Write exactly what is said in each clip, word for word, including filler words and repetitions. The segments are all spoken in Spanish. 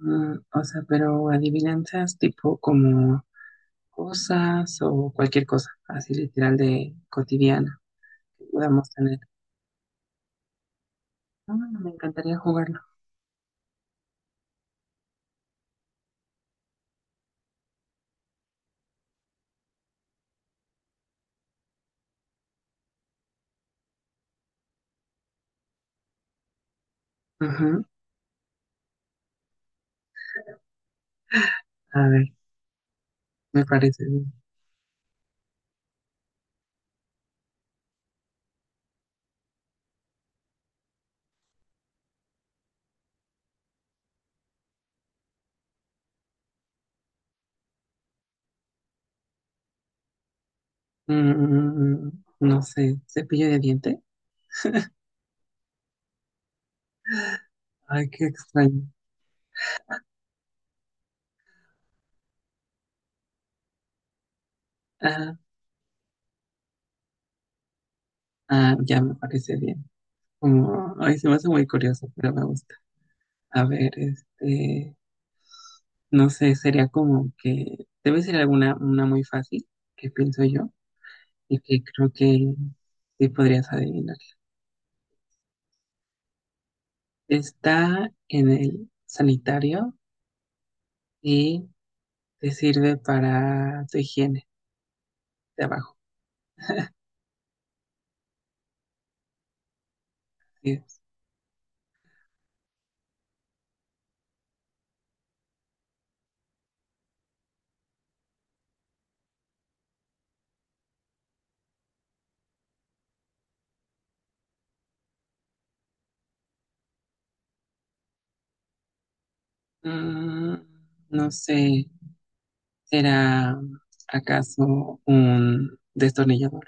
Mm, o sea, pero adivinanzas tipo como cosas o cualquier cosa, así literal de cotidiana que podamos tener. Ah, me encantaría jugarlo. Ujú. A ver, me parece bien. Mm, no sé, cepillo de diente. Ay, qué extraño. Ah, ah, ya me parece bien. Como, ay, se me hace muy curioso, pero me gusta. A ver, este, no sé, sería como que debe ser alguna una muy fácil, que pienso yo, y que creo que sí podrías adivinar. Está en el sanitario y te sirve para tu higiene de abajo. Así es. Mm, no sé, ¿será acaso un destornillador?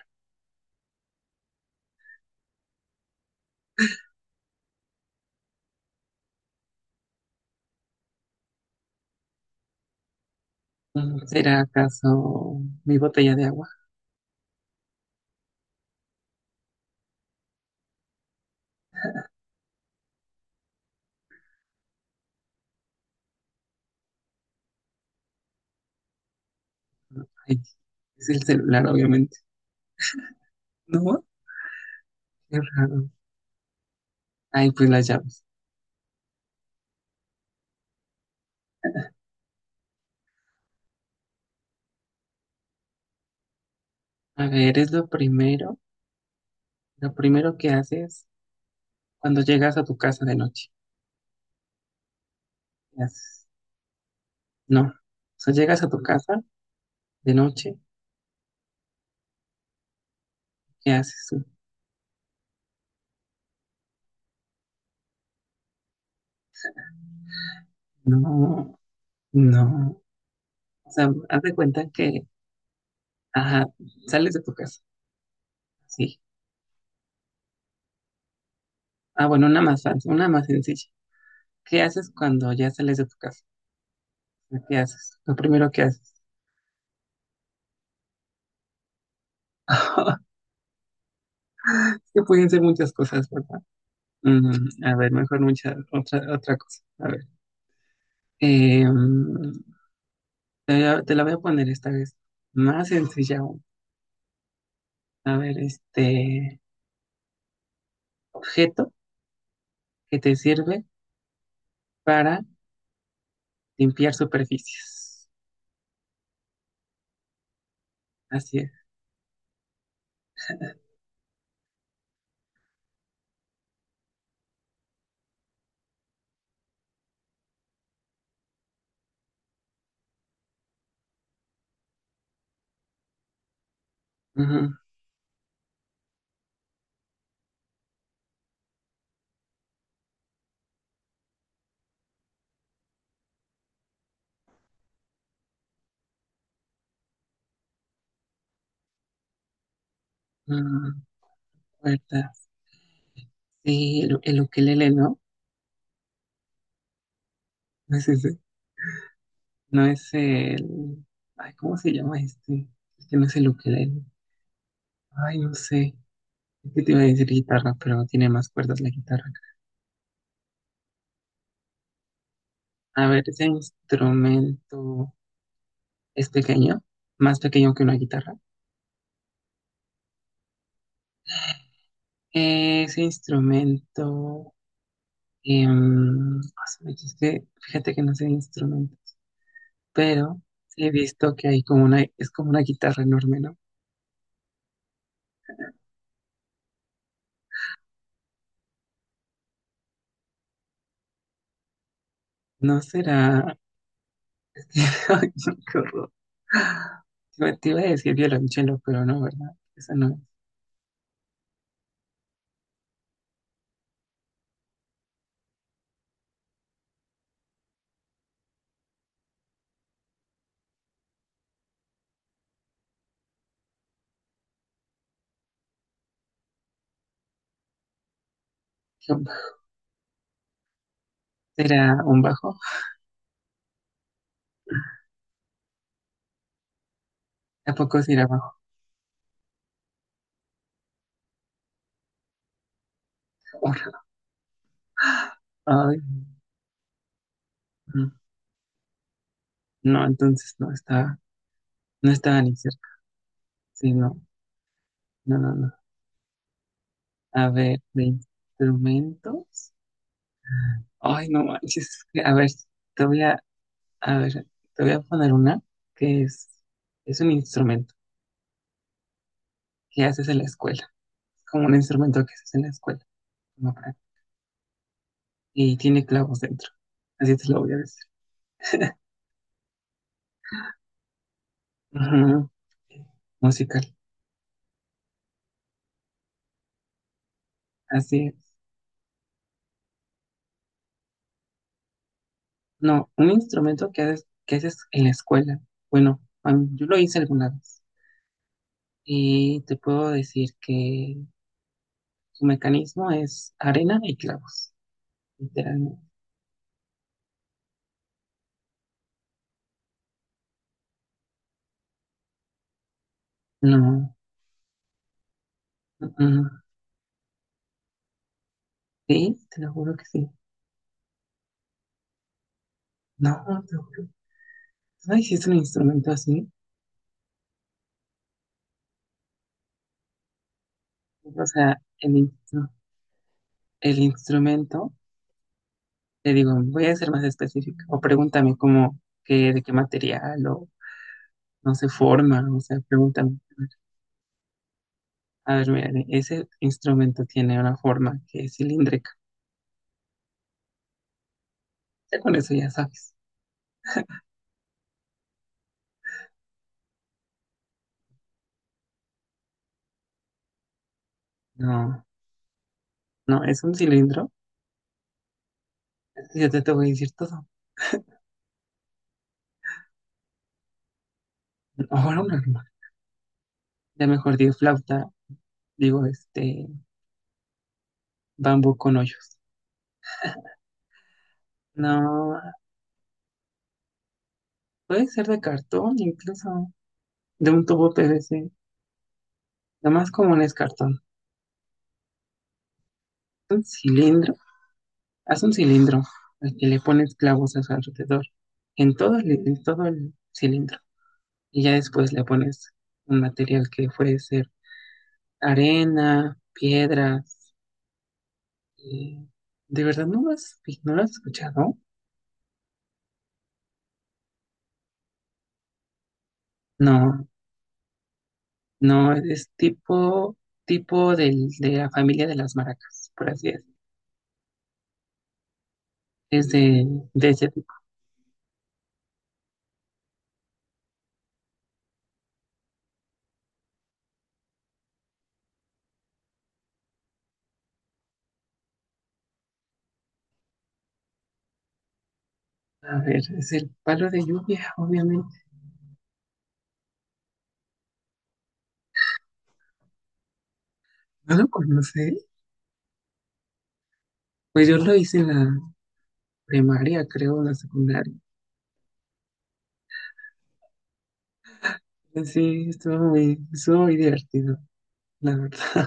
Mm, ¿será acaso mi botella de agua? No, ay, es el celular, obviamente. No, qué raro. Ay, pues las llaves. A ver, es lo primero, lo primero que haces cuando llegas a tu casa de noche. ¿Qué haces? No. O sea, llegas a tu casa de noche, ¿qué haces? No, no. O sea, haz de cuenta que, ajá, sales de tu casa. Sí. Ah, bueno, una más fácil, una más sencilla. ¿Qué haces cuando ya sales de tu casa? ¿Qué haces? Lo primero que haces. Es que pueden ser muchas cosas, ¿verdad? Mm, a ver, mejor mucha otra, otra cosa. A ver. Eh, mm, te, voy a- te la voy a poner esta vez. Más sencilla aún. A ver, este objeto que te sirve para limpiar superficies. Así es. Ujú, ujú, Puertas. Sí, el, el ukelele, ¿no? No es ese. No es el... Ay, ¿cómo se llama este? Este no es el ukelele. Ay, no sé. Es que te iba a decir guitarra, pero no tiene más cuerdas la guitarra. A ver, ese instrumento es pequeño, más pequeño que una guitarra. Ese instrumento... em, ah, su mecha, es que fíjate que no sé de instrumento, pero he visto que hay como una, es como una guitarra enorme, ¿no? No será... Ay, no, qué horror. Yo te iba a decir violonchelo, pero no, ¿verdad? Eso no es. ¿Será un bajo? Tampoco será bajo. Ay, no. No, entonces no estaba, no estaba ni cerca. Sí, no, no, no, no. A ver, de instrumentos. Ay, no manches. A ver, te voy a, a ver, te voy a poner una que es, es un instrumento que haces en la escuela, como un instrumento que se hace en la escuela, ¿no? Y tiene clavos dentro. Así te lo voy a decir. Ujú. Musical, así es. No, un instrumento que haces, que haces en la escuela. Bueno, a mí- yo lo hice alguna vez y te puedo decir que su mecanismo es arena y clavos, literalmente. No, mm, mm. sí, te lo juro que sí. No, te lo juro. ¿Tú no hiciste un instrumento así? O sea, el, instru- el instrumento le digo, voy a ser más específica. O pregúntame cómo, qué, de qué material o no se forma. O sea, pregúntame. A ver, mira, de- ese instrumento tiene una forma que es cilíndrica. Ya con eso ya sabes. No, no, es un cilindro. Y yo te, te voy a decir todo. Ahora un arma. Ya mejor digo flauta, digo este bambú con hoyos. No, puede ser de cartón, incluso de un tubo P V C. Lo más común es cartón. Un cilindro. Haz un cilindro al que le pones clavos a su alrededor, en todo el, en todo el cilindro. Y ya después le pones un material que puede ser arena, piedras. Eh, ¿de verdad no lo has, vi- no lo has escuchado? No, no, es tipo, tipo del, de la familia de las maracas, por así decirlo. Es de, de ese tipo. A ver, es el palo de lluvia, obviamente. ¿No lo conoces? Pues yo lo hice en la primaria, creo, en la secundaria. Sí, estuvo muy, estuvo muy divertido, la verdad.